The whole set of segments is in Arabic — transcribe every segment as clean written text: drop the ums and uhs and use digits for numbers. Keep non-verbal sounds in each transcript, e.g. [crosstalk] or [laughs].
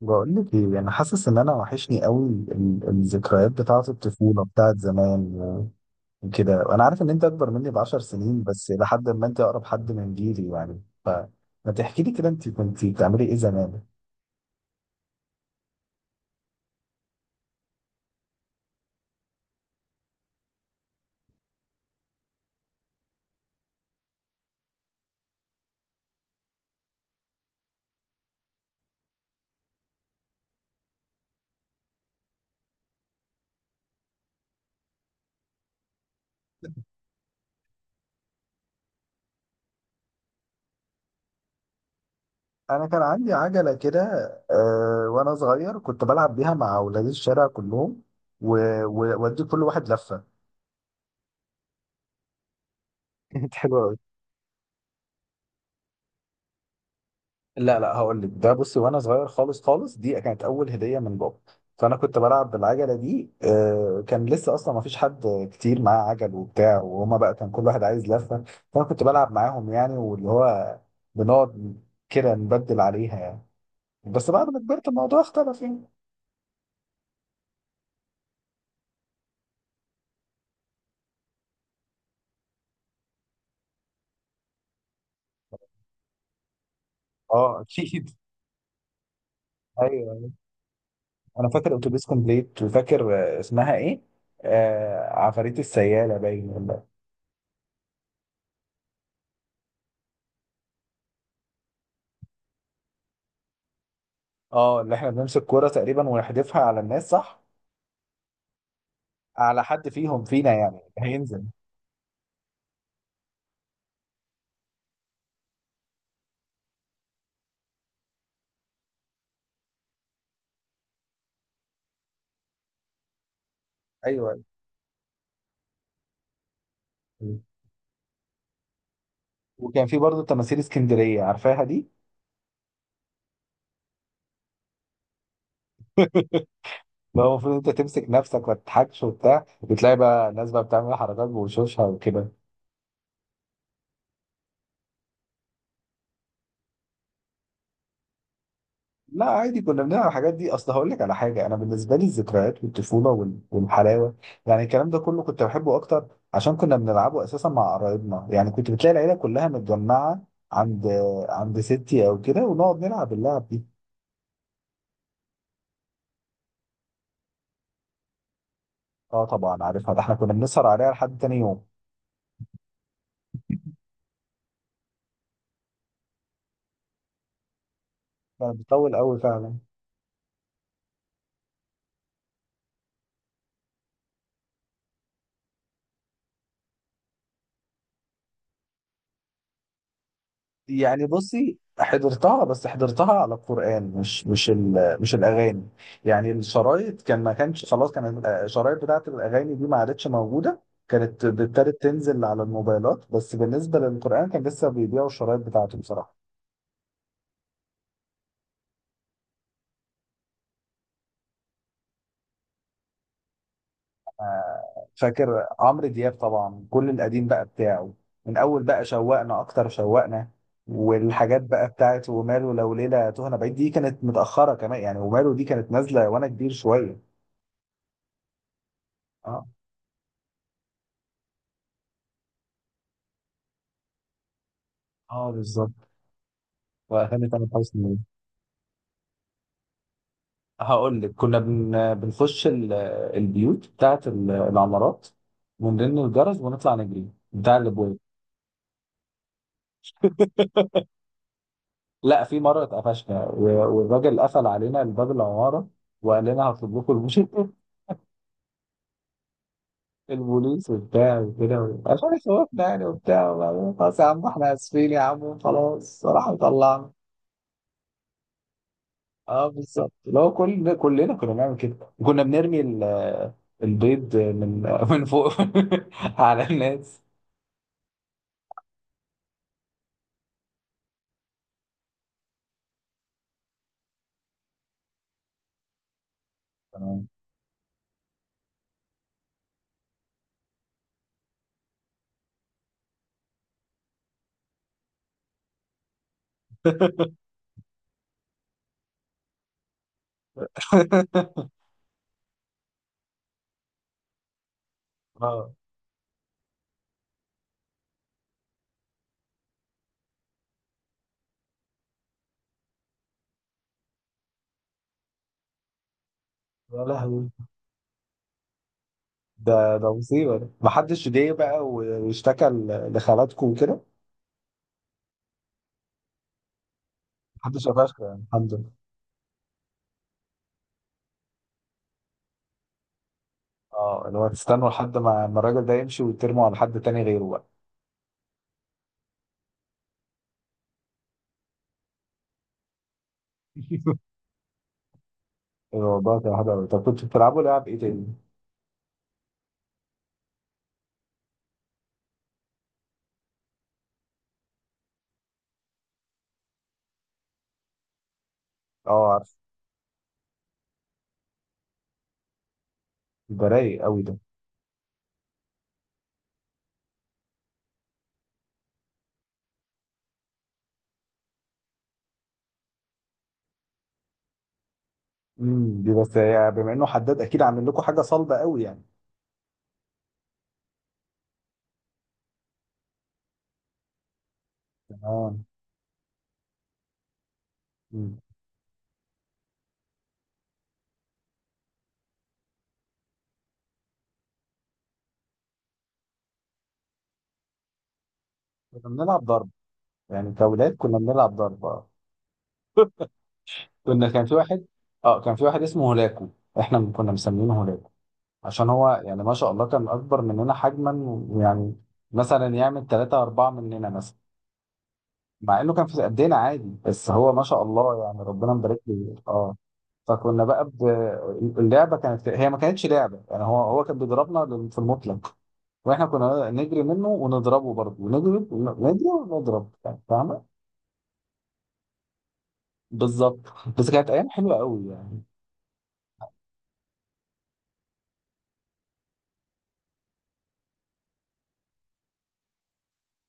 بقول لك ايه، انا حاسس ان انا وحشني قوي الذكريات بتاعه الطفوله بتاعه زمان وكده. وانا عارف ان انت اكبر مني ب 10 سنين، بس لحد ما انت اقرب حد من جيلي يعني، فما تحكي لي كده انت كنت بتعملي ايه زمان؟ انا كان عندي عجله كده. وانا صغير كنت بلعب بيها مع اولاد الشارع كلهم، وودي كل واحد لفه. [laughs] كانت حلوة. لا لا، هقول لك ده. بصي، وانا صغير خالص خالص، دي كانت اول هديه من بابا. فانا كنت بلعب بالعجله دي، كان لسه اصلا ما فيش حد كتير معاه عجل وبتاع، وهما بقى كان كل واحد عايز لفه، فانا كنت بلعب معاهم يعني، واللي هو بنقعد كده نبدل عليها يعني. بس بعد ما كبرت الموضوع اختلف يعني. اه اكيد. ايوه أيوة. انا فاكر اتوبيس كومبليت، وفاكر اسمها ايه، آه عفاريت السياله، باين ولا. اه، اللي احنا بنمسك كوره تقريبا ونحدفها على الناس، صح؟ على حد فيهم فينا يعني هينزل. ايوه. مم. وكان في برضه تماثيل اسكندريه، عارفاها دي؟ [laughs] اللي هو المفروض انت تمسك نفسك ما تضحكش وبتاع، بتلاقي بقى الناس بقى بتعمل حركات بوشوشها وكده. لا عادي، كنا بنلعب الحاجات دي. اصل هقول لك على حاجه، انا بالنسبه لي الذكريات والطفوله والحلاوه يعني، الكلام ده كله كنت بحبه اكتر عشان كنا بنلعبه اساسا مع قرايبنا يعني، كنت بتلاقي العيله كلها متجمعه عند عند ستي او كده ونقعد نلعب اللعب دي. اه طبعا عارفها، ده احنا كنا بنسهر عليها لحد تاني يوم. لا، بتطول قوي فعلا. يعني بصي، حضرتها بس حضرتها على القرآن، مش الأغاني. يعني الشرايط كان ما كانش، خلاص كان الشرايط بتاعت الأغاني دي ما عادتش موجودة، كانت ابتدت تنزل على الموبايلات. بس بالنسبة للقرآن كان لسه بيبيعوا الشرايط بتاعته بصراحة. فاكر عمرو دياب طبعا، كل القديم بقى بتاعه، من أول بقى شوقنا أكتر شوقنا. والحاجات بقى بتاعت وماله لو ليلة تهنا بعيد، دي كانت متأخرة كمان يعني، وماله دي كانت نازلة وأنا كبير شوية. اه، اه بالظبط. واغاني تامر حسني. هقول لك، كنا بنخش البيوت بتاعت العمارات ونرن الجرس ونطلع نجري بتاع الابواب. [laughs] لا، في مره اتقفشنا والراجل قفل علينا الباب، العماره، وقال لنا هطلب لكم المش- [laughs] البوليس وبتاع وكده، عشان يخوفنا يعني وبتاع. وبعدين خلاص، يا عم احنا اسفين، يا عم خلاص، راح مطلعنا. اه بالظبط. لو كلنا كنا بنعمل كده، وكنا بنرمي البيض من فوق [laughs] على الناس. تمام. [laughs] اه. يا لهوي. ده مصيبة. ده محدش جه بقى واشتكى لخالاتكم وكده؟ محدش قفشكم يعني، الحمد لله. اه، اللي هو تستنوا لحد ما الراجل ده يمشي، وترموا على حد تاني غيره بقى. [laughs] الموضوع كان حلو قوي. طب كنتوا بتلعبوا لعب ايه تاني؟ اه عارف. ده رايق قوي ده. دي بس يعني، بما انه حداد اكيد عامل لكم حاجة صلبة قوي يعني. اه. مم. كنا بنلعب ضرب، يعني كأولاد كنا بنلعب ضرب، اه. كان في واحد، اه كان في واحد اسمه هولاكو. احنا كنا مسمينه هولاكو عشان هو يعني ما شاء الله كان اكبر مننا حجما يعني، مثلا يعمل ثلاثة أربعة مننا مثلا، مع انه كان في قدنا عادي، بس هو ما شاء الله يعني ربنا مبارك له. اه. فكنا بقى ب... اللعبه كانت هي، ما كانتش لعبه يعني، هو كان بيضربنا في المطلق، واحنا كنا نجري منه ونضربه برضه، ونجري ونجري ونضرب يعني، فاهم؟ بالظبط. بس كانت ايام حلوه قوي يعني.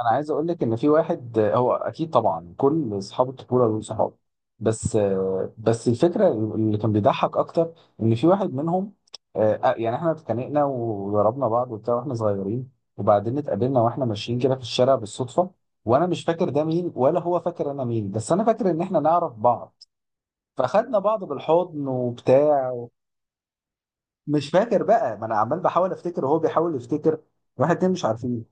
انا عايز اقول لك ان في واحد، هو اكيد طبعا كل اصحاب الطفوله دول صحاب، بس بس الفكره اللي كان بيضحك اكتر، ان في واحد منهم، يعني احنا اتخانقنا وضربنا بعض وبتاع واحنا صغيرين، وبعدين اتقابلنا واحنا ماشيين كده في الشارع بالصدفه، وانا مش فاكر ده مين، ولا هو فاكر انا مين، بس انا فاكر ان احنا نعرف بعض، فخدنا بعض بالحضن وبتاع. مش فاكر بقى، ما انا عمال بحاول افتكر وهو بيحاول يفتكر، واحد اتنين مش عارفين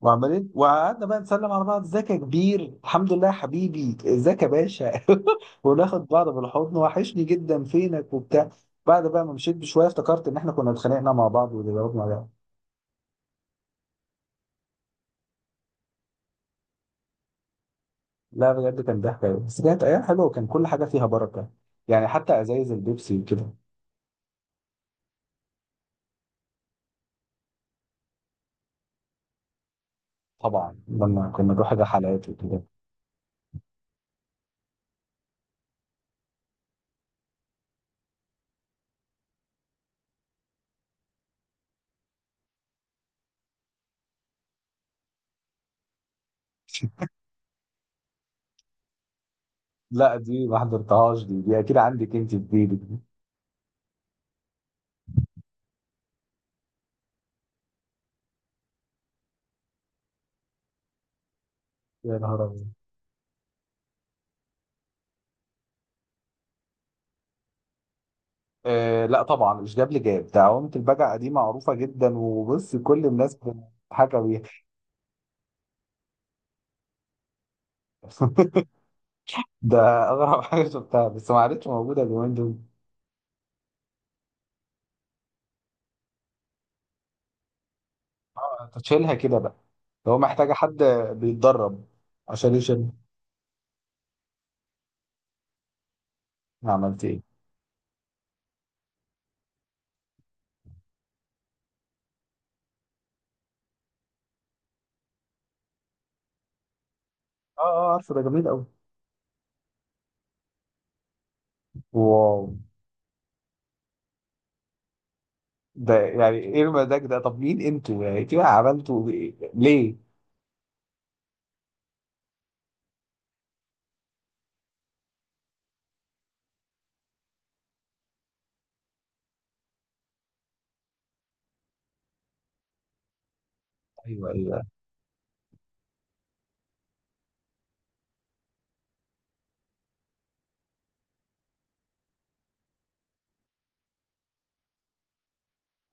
وعمالين. وقعدنا بقى نسلم على بعض، ازيك يا كبير، الحمد لله يا حبيبي، ازيك يا باشا، [laughs] وناخد بعض بالحضن، وحشني جدا، فينك وبتاع. بعد بقى ما مشيت بشويه افتكرت ان احنا كنا اتخانقنا مع بعض وضربنا بعض. لا بجد، كان ضحك أوي. بس كانت ايام حلوه، وكان كل حاجه فيها بركه، يعني حتى ازايز البيبسي وكده. طبعا لما كنا نروح الرحلات وكده. [laughs] لا دي ما حضرتهاش دي اكيد عندك انت في جيبك دي. يا نهار أبيض. آه لا طبعا، مش جاب لي، جاب ده عوامة البجع، دي معروفة جدا، وبص كل الناس بتضحك بيها. [laughs] ده أغرب حاجة شفتها، بس ما عادتش موجودة اليومين دول. أنت تشيلها كده بقى لو محتاجة حد بيتدرب عشان يشيل. عملت إيه؟ آه، آه، عارفه، ده جميل أوي. واو. ده يعني إيه المزاج ده؟ طب مين أنتوا يعني؟ أنتوا عملتوا إيه؟ ليه؟ أيوه أيوه.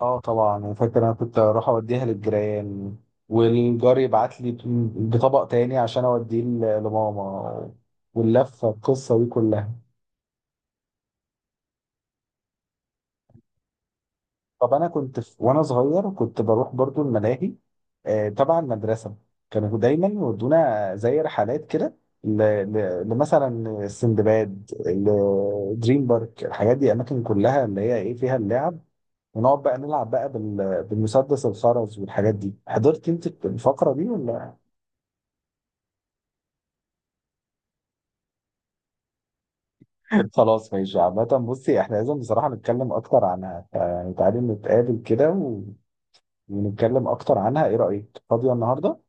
اه طبعا، انا فاكر انا كنت اروح اوديها للجيران، والجار يبعت لي بطبق تاني عشان اوديه لماما، واللفه القصه دي كلها. طب انا كنت في وانا صغير كنت بروح برضو الملاهي، تبع المدرسه، كانوا دايما يودونا زي رحلات كده ل- لمثلا السندباد، دريم بارك، الحاجات دي، اماكن كلها اللي هي ايه، فيها اللعب، ونقعد بقى نلعب بقى بالمسدس الخرز والحاجات دي. حضرت انت الفقره دي ولا؟ خلاص ماشي. عامة بصي، احنا لازم بصراحة نتكلم أكتر عنها يعني، تعالي نتقابل كده و... ونتكلم أكتر عنها، إيه رأيك؟ فاضية النهاردة؟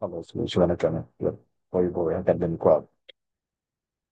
خلاص ماشي، وأنا كمان. يلا، باي باي، هكلمك وقت